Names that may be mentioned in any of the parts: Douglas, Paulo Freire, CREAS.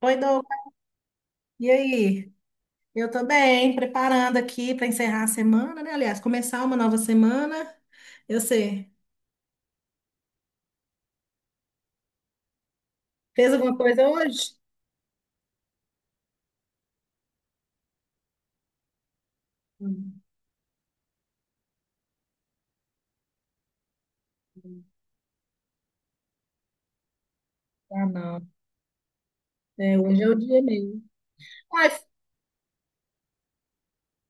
Oi, Douglas. E aí? Eu tô bem, preparando aqui para encerrar a semana, né? Aliás, começar uma nova semana. Eu sei. Fez alguma coisa hoje? Hum. Ah, não. É, hoje é o dia mesmo. Uai,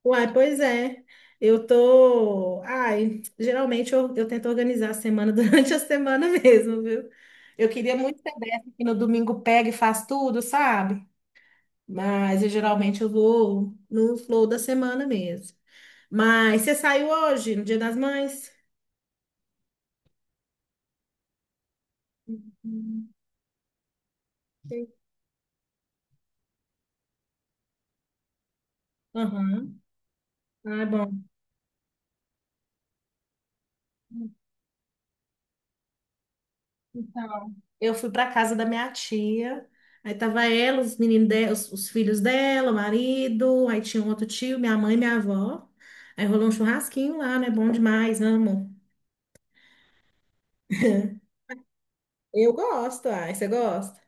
uai, pois é. Eu tô. Ai, geralmente eu tento organizar a semana durante a semana mesmo, viu? Eu queria muito ser dessa que no domingo pega e faz tudo, sabe? Mas eu, geralmente eu vou no flow da semana mesmo. Mas você saiu hoje, no Dia das Mães? Uhum. Aham. Ah, é bom. Então, eu fui para casa da minha tia. Aí tava ela, os meninos dela, os filhos dela, o marido, aí tinha um outro tio, minha mãe, e minha avó. Aí rolou um churrasquinho lá, né? Bom demais, amo. Eu gosto, ai, você gosta?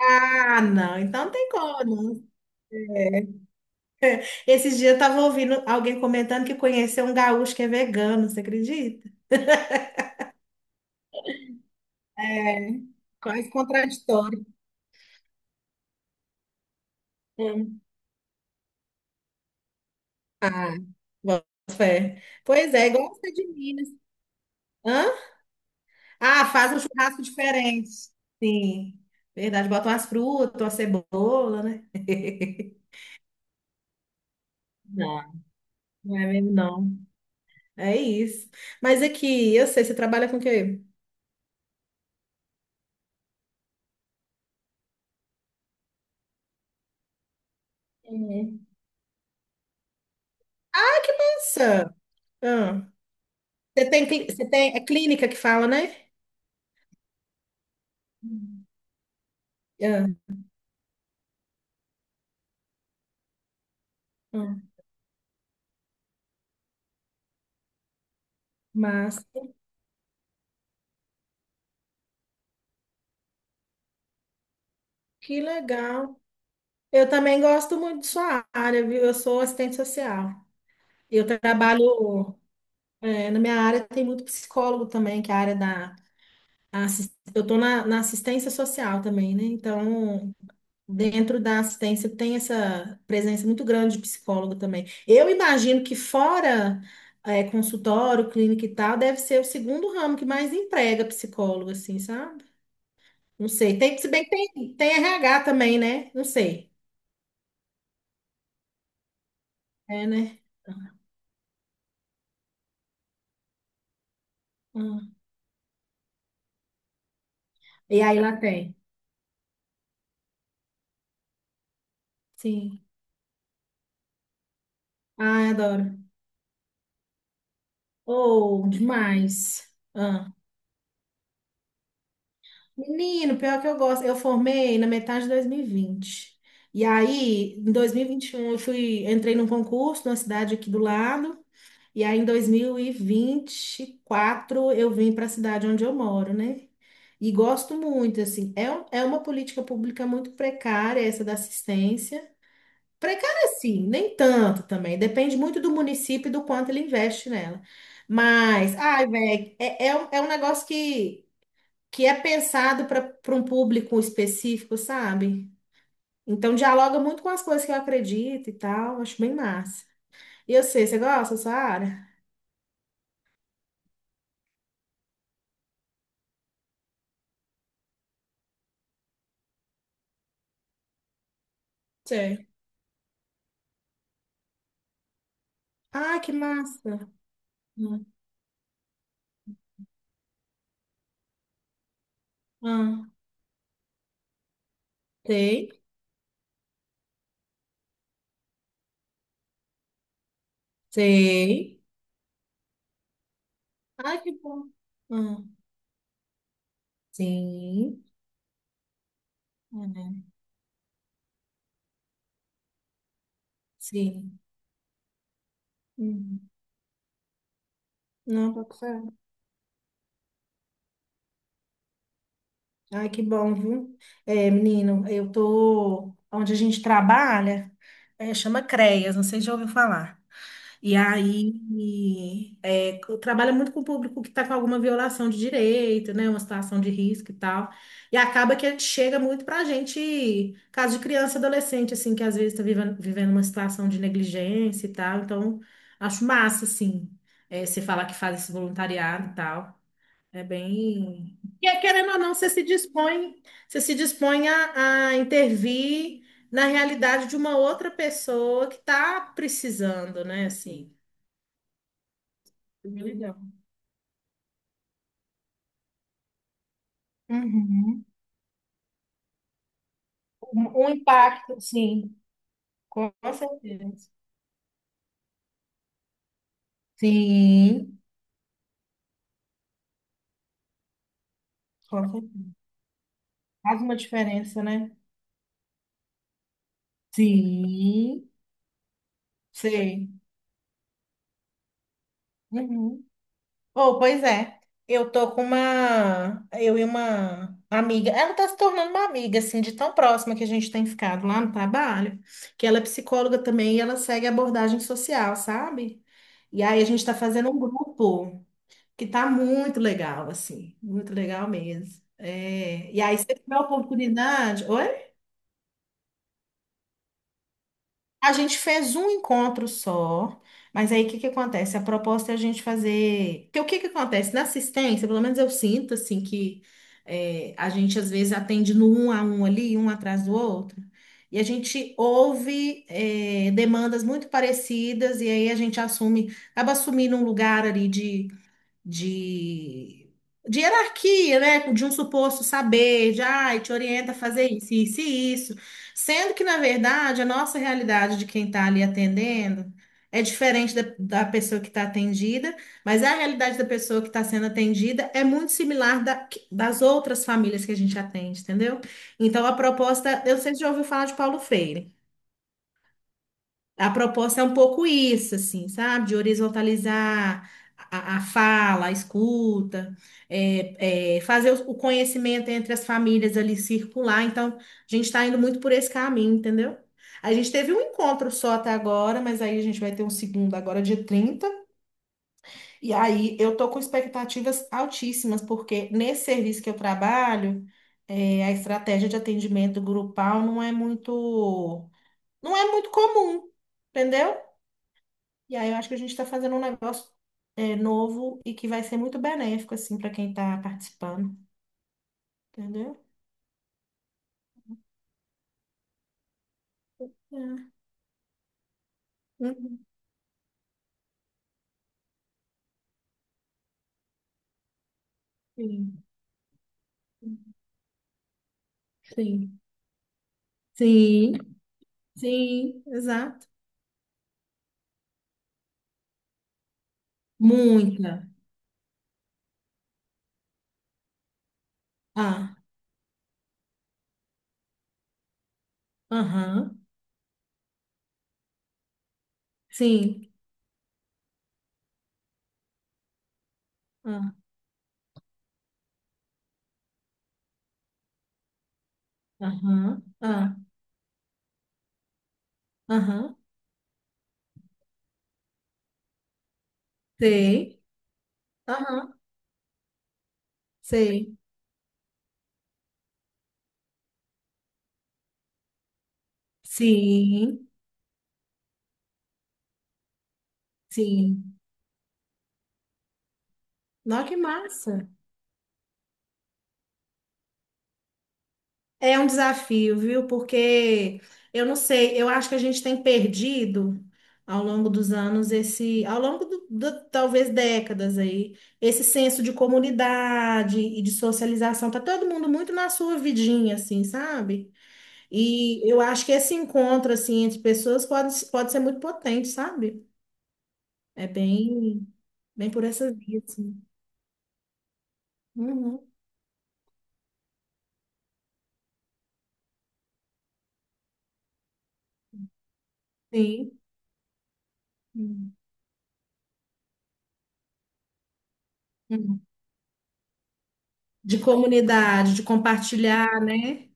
Ah, não, então não tem como, não. Esses dias eu tava ouvindo alguém comentando que conheceu um gaúcho que é vegano, você acredita? É quase contraditório. Ah, boto fé. Pois é, igual você de Minas. Hã? Ah, faz um churrasco diferente. Sim, verdade. Bota as frutas, uma cebola, né? Não, não é mesmo, não. É isso. Mas aqui, eu sei, você trabalha com o quê? Hum. Ah, que massa! Ah, você tem, é clínica que fala, né? Hum. Ah, ah, massa. Que legal. Eu também gosto muito de sua área, viu? Eu sou assistente social. Eu trabalho. É, na minha área tem muito psicólogo também, que é a área da. a assis- Eu estou na, assistência social também, né? Então, dentro da assistência tem essa presença muito grande de psicólogo também. Eu imagino que fora é, consultório, clínica e tal, deve ser o segundo ramo que mais emprega psicólogo, assim, sabe? Não sei. Tem, se bem que tem RH também, né? Não sei. É, né? Hum. E aí lá tem. Sim. Ah, adoro. Oh, demais. Menino, pior que eu gosto. Eu formei na metade de 2020 e aí, em 2021 eu fui, entrei num concurso numa cidade aqui do lado. E aí, em dois mil e vinte e quatro eu vim para a cidade onde eu moro, né? E gosto muito, assim. É uma política pública muito precária, essa da assistência. Precária, sim, nem tanto também. Depende muito do município e do quanto ele investe nela. Mas, ai, velho, é, é um negócio que é pensado para um público específico, sabe? Então dialoga muito com as coisas que eu acredito e tal, acho bem massa. E eu sei, você gosta dessa área? Sei. Ah, que massa! Ah, ah, sei, sei. Ai, que bom. Ah, sim. Uhum. Sim. Uhum. Não, pode ser. Ai, que bom, viu? É, menino, eu tô onde a gente trabalha, é, chama CREAS, não sei se já ouviu falar. E aí, é, trabalha muito com o público que está com alguma violação de direito, né? Uma situação de risco e tal. E acaba que ele chega muito para a gente, caso de criança, adolescente, assim, que às vezes está vivendo uma situação de negligência e tal. Então, acho massa, assim, é, você falar que faz esse voluntariado e tal. É bem. E é, querendo ou não, você se dispõe a intervir na realidade de uma outra pessoa que está precisando, né? Assim milhão. Uhum. Um impacto, sim, com certeza. Sim. Com certeza. Faz uma diferença, né? Sim. Sei. Uhum. Oh, pois é. Eu tô com uma. Eu e uma amiga. Ela tá se tornando uma amiga, assim, de tão próxima que a gente tem ficado lá no trabalho, que ela é psicóloga também e ela segue abordagem social, sabe? E aí a gente tá fazendo um grupo que tá muito legal, assim, muito legal mesmo. É, e aí, se você tiver oportunidade, oi? A gente fez um encontro só, mas aí o que que acontece? A proposta é a gente fazer. Porque o que que acontece? Na assistência, pelo menos eu sinto assim que é, a gente às vezes atende no um a um ali, um atrás do outro, e a gente ouve é, demandas muito parecidas, e aí a gente assume, acaba assumindo um lugar ali de, de hierarquia, né? De um suposto saber, de ai, te orienta a fazer isso, isso e isso. Sendo que, na verdade, a nossa realidade de quem está ali atendendo é diferente da pessoa que está atendida, mas a realidade da pessoa que está sendo atendida é muito similar das outras famílias que a gente atende, entendeu? Então, a proposta, eu sempre já ouvi falar de Paulo Freire. A proposta é um pouco isso, assim, sabe? De horizontalizar a fala, a escuta, fazer o conhecimento entre as famílias ali circular. Então, a gente está indo muito por esse caminho, entendeu? A gente teve um encontro só até agora, mas aí a gente vai ter um segundo agora, dia 30. E aí eu tô com expectativas altíssimas, porque nesse serviço que eu trabalho, é, a estratégia de atendimento grupal não é muito comum. Entendeu? E aí eu acho que a gente está fazendo um negócio novo e que vai ser muito benéfico, assim, para quem está participando, entendeu? É. Uhum. Sim, sim, sim, sim, exato. Muita. Ah, aham, sim. Ah, aham, ah, aham, sei, aham, sei. Sim, sim. Nossa, que massa. É um desafio, viu? Porque eu não sei, eu acho que a gente tem perdido ao longo dos anos esse, ao longo do, talvez décadas aí, esse senso de comunidade e de socialização. Tá todo mundo muito na sua vidinha, assim, sabe? E eu acho que esse encontro assim entre pessoas pode ser muito potente, sabe? É bem, bem por essa via, assim. Uhum. Sim. Uhum. De comunidade, de compartilhar, né?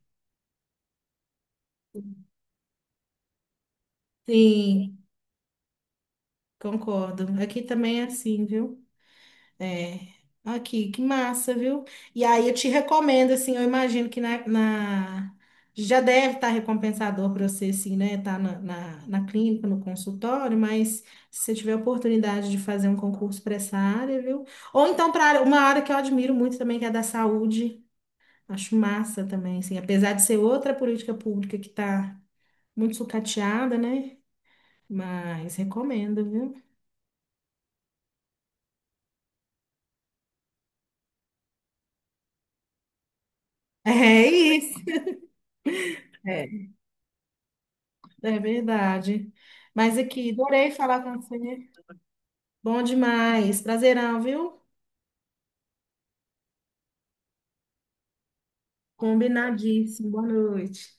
Sim, concordo. Aqui também é assim, viu? É. Aqui, que massa, viu? E aí eu te recomendo, assim, eu imagino que já deve estar recompensador para você, assim, né? Tá na clínica, no consultório, mas se você tiver oportunidade de fazer um concurso para essa área, viu? Ou então para uma área que eu admiro muito também, que é a da saúde. Acho massa também, assim, apesar de ser outra política pública que está muito sucateada, né? Mas recomendo, viu? É isso. É verdade. Mas aqui, adorei falar com você. Bom demais. Prazerão, viu? Combinadíssimo. Boa noite.